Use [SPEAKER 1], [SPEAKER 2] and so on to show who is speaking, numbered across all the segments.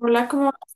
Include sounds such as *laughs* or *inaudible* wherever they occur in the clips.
[SPEAKER 1] Hola, ¿cómo vas?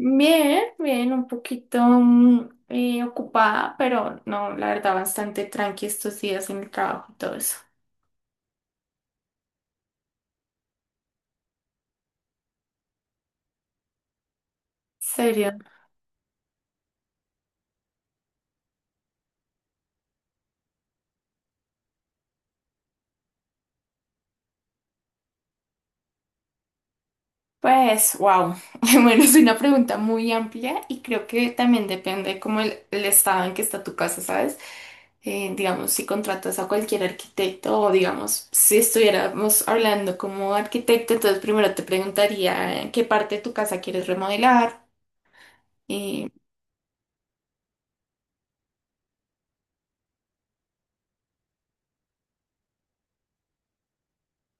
[SPEAKER 1] Bien, bien, un poquito ocupada, pero no, la verdad, bastante tranqui estos días en el trabajo y todo eso. ¿Serio? Pues, wow. *laughs* Bueno, es una pregunta muy amplia y creo que también depende como el estado en que está tu casa, ¿sabes? Digamos, si contratas a cualquier arquitecto o digamos, si estuviéramos hablando como arquitecto, entonces primero te preguntaría qué parte de tu casa quieres remodelar. Y,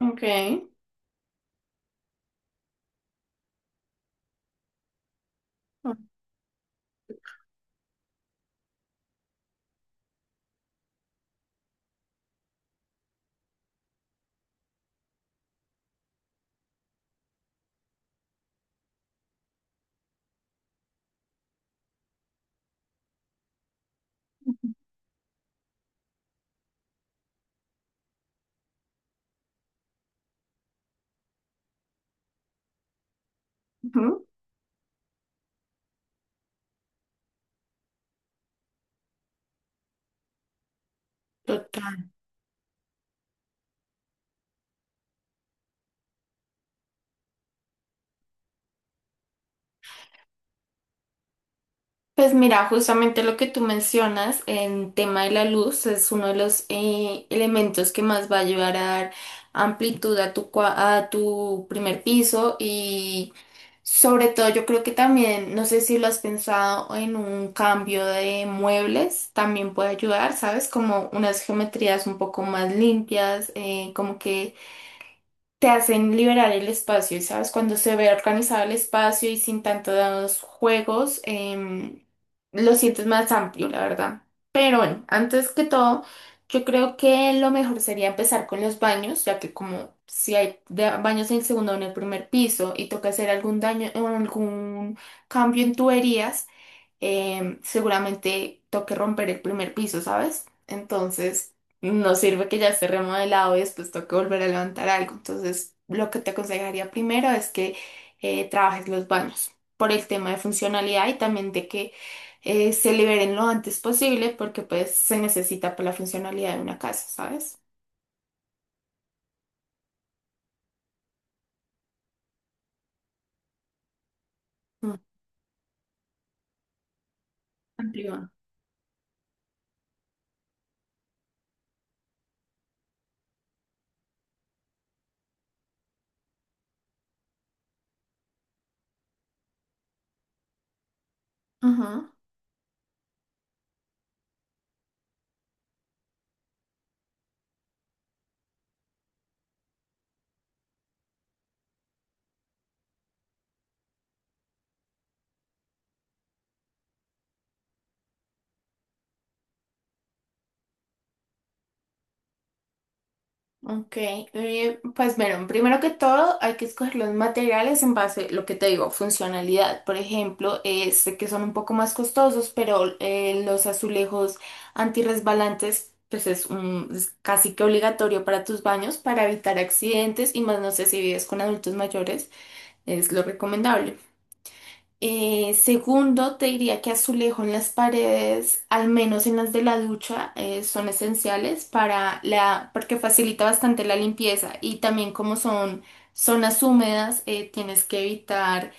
[SPEAKER 1] ok. Ujú. Total. Pues mira, justamente lo que tú mencionas en tema de la luz es uno de los elementos que más va a ayudar a dar amplitud a tu, a tu primer piso y sobre todo yo creo que también, no sé si lo has pensado en un cambio de muebles, también puede ayudar, ¿sabes? Como unas geometrías un poco más limpias, como que... te hacen liberar el espacio, y sabes, cuando se ve organizado el espacio y sin tantos juegos, lo sientes más amplio, la verdad. Pero bueno, antes que todo, yo creo que lo mejor sería empezar con los baños, ya que como si hay baños en el segundo o en el primer piso y toca hacer algún daño o algún cambio en tuberías, seguramente toque romper el primer piso, ¿sabes? Entonces, no sirve que ya esté remodelado y después toque volver a levantar algo. Entonces, lo que te aconsejaría primero es que trabajes los baños por el tema de funcionalidad y también de que se liberen lo antes posible porque pues se necesita por la funcionalidad de una casa, ¿sabes? Mm. Amplio. Ujú. Ok, pues bueno, primero que todo hay que escoger los materiales en base, lo que te digo, funcionalidad. Por ejemplo, sé que son un poco más costosos, pero los azulejos antirresbalantes, pues es, un, es casi que obligatorio para tus baños para evitar accidentes y más no sé si vives con adultos mayores, es lo recomendable. Segundo, te diría que azulejo en las paredes, al menos en las de la ducha, son esenciales para la, porque facilita bastante la limpieza y también como son zonas húmedas, tienes que evitar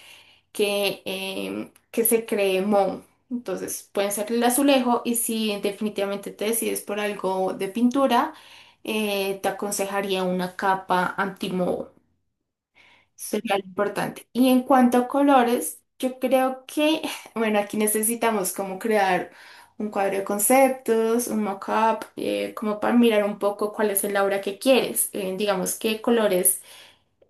[SPEAKER 1] que se cree moho. Entonces, pueden ser el azulejo y si definitivamente te decides por algo de pintura, te aconsejaría una capa antimoho. Sería lo importante. Y en cuanto a colores, yo creo que, *sighs* *laughs* bueno, aquí necesitamos como crear un cuadro de conceptos, un mock-up, como para mirar un poco cuál es el aura que quieres. Digamos que colores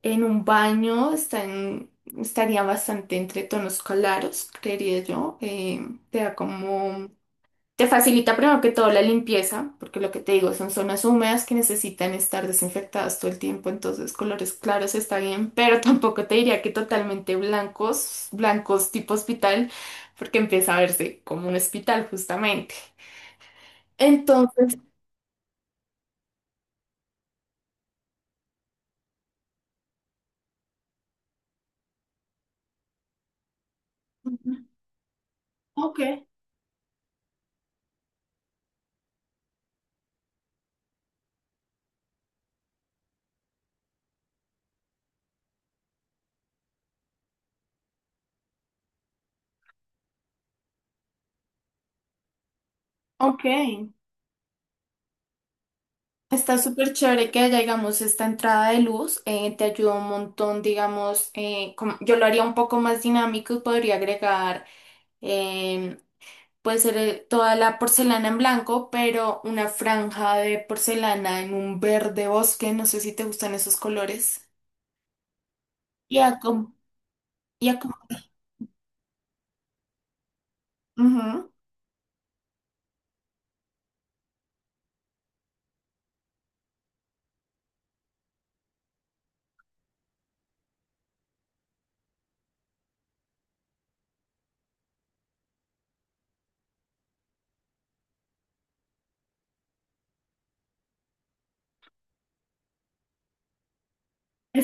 [SPEAKER 1] en un baño están, estaría bastante entre tonos claros, creería yo. Te da como te facilita primero que todo la limpieza, porque lo que te digo son zonas húmedas que necesitan estar desinfectadas todo el tiempo, entonces colores claros está bien, pero *laughs* tampoco te diría que totalmente blancos, blancos tipo hospital, porque empieza a verse como un hospital justamente. Entonces, ujú. Ok, ok. Está súper chévere que haya, digamos, esta entrada de luz, te ayuda un montón, digamos, yo lo haría un poco más dinámico y podría agregar em, puede ser toda la porcelana en blanco, pero una franja de porcelana en un verde bosque. No sé si te gustan esos colores. Y a com- y a com- ujú.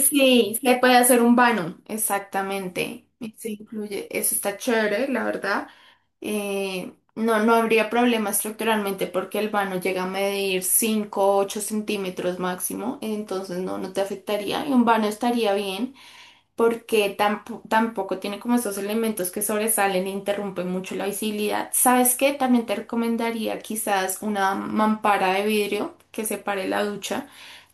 [SPEAKER 1] Sí, se puede hacer un vano, exactamente. Se incluye, eso está chévere, la verdad. No, no habría problema estructuralmente porque el vano llega a medir 5 o 8 centímetros máximo, entonces no, no te afectaría y un vano estaría bien. Porque tampoco tiene como esos elementos que sobresalen e interrumpen mucho la visibilidad. ¿Sabes qué? También te recomendaría quizás una mampara de vidrio que separe la ducha.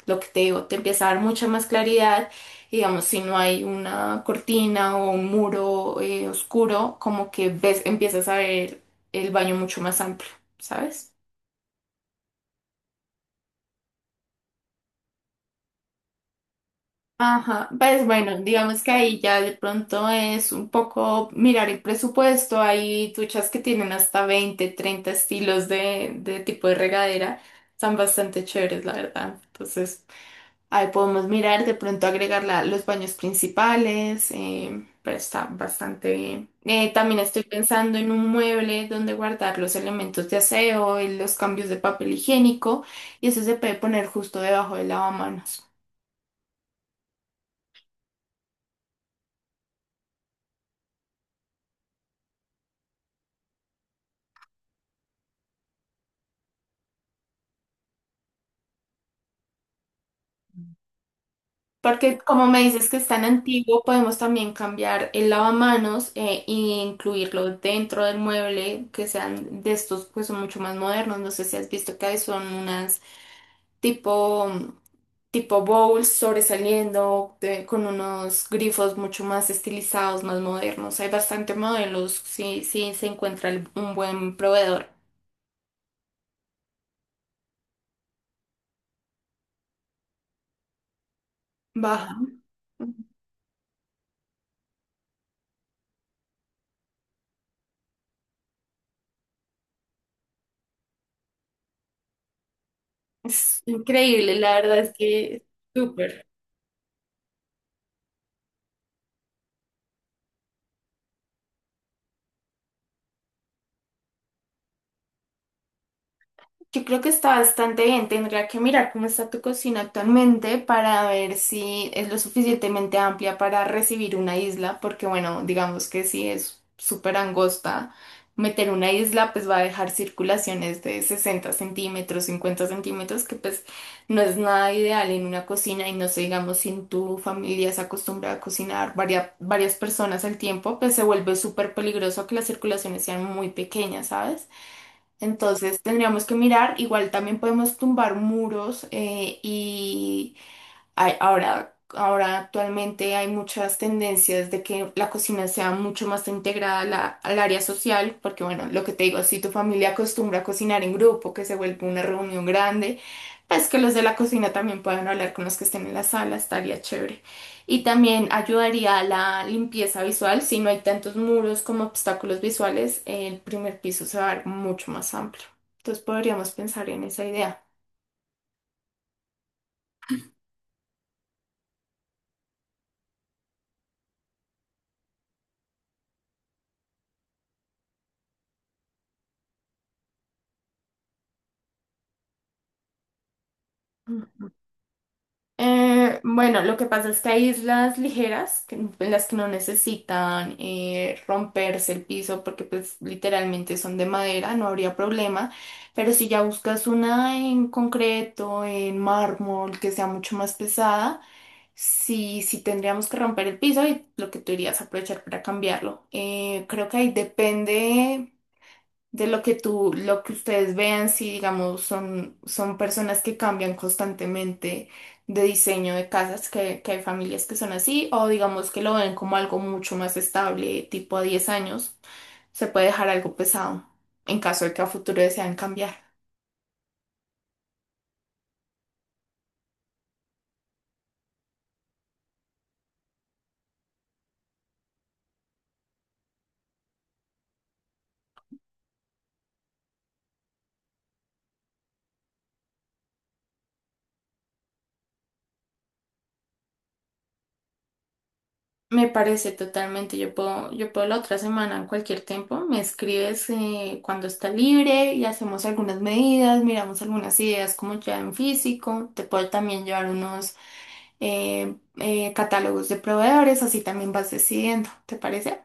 [SPEAKER 1] Lo que te digo, te empieza a dar mucha más claridad. Y, digamos, si no hay una cortina o un muro oscuro, como que ves, empiezas a ver el baño mucho más amplio, ¿sabes? Ajá, pues bueno, digamos que ahí ya de pronto es un poco mirar el presupuesto. Hay duchas que tienen hasta 20, 30 estilos de tipo de regadera. Están bastante chéveres, la verdad. Entonces, ahí podemos mirar, de pronto agregar los baños principales, pero está bastante bien. También estoy pensando en un mueble donde guardar los elementos de aseo y los cambios de papel higiénico, y eso se puede poner justo debajo del lavamanos. Porque como me dices que es tan antiguo, podemos también cambiar el lavamanos e incluirlo dentro del mueble, que sean de estos pues son mucho más modernos. No sé si has visto que son unas tipo, tipo bowls sobresaliendo con unos grifos mucho más estilizados, más modernos. Hay bastante modelos si se encuentra un buen proveedor. Baja. Es increíble, la verdad es que es súper. Yo creo que está bastante bien. Tendría que mirar cómo está tu cocina actualmente para ver si es lo suficientemente amplia para recibir una isla, porque bueno, digamos que si es súper angosta, meter una isla pues va a dejar circulaciones de 60 centímetros, 50 centímetros, que pues no es nada ideal en una cocina y no sé, digamos, si en tu familia se acostumbra a cocinar varias, varias personas al tiempo, pues se vuelve súper peligroso que las circulaciones sean muy pequeñas, ¿sabes? Entonces tendríamos que mirar, igual también podemos tumbar muros y ahora, ahora actualmente hay muchas tendencias de que la cocina sea mucho más integrada a al área social, porque bueno, lo que te digo, si tu familia acostumbra a cocinar en grupo, que se vuelve una reunión grande, pues que los de la cocina también puedan hablar con los que estén en la sala, estaría chévere. Y también ayudaría a la limpieza visual, si no hay tantos muros como obstáculos visuales, el primer piso se va a ver mucho más amplio. Entonces podríamos pensar en esa idea. Bueno, lo que pasa es que hay islas ligeras, en las que no necesitan romperse el piso porque pues literalmente son de madera, no habría problema, pero si ya buscas una en concreto, en mármol, que sea mucho más pesada, sí, sí tendríamos que romper el piso y lo que tú irías a aprovechar para cambiarlo. Creo que ahí depende de lo que tú, lo que ustedes vean, si digamos son personas que cambian constantemente de diseño de casas, que hay familias que son así, o digamos que lo ven como algo mucho más estable, tipo a 10 años, se puede dejar algo pesado en caso de que a futuro desean cambiar. Me parece totalmente, yo puedo la otra semana en cualquier tiempo, me escribes cuando está libre y hacemos algunas medidas, miramos algunas ideas como ya en físico, te puedo también llevar unos catálogos de proveedores, así también vas decidiendo, ¿te parece?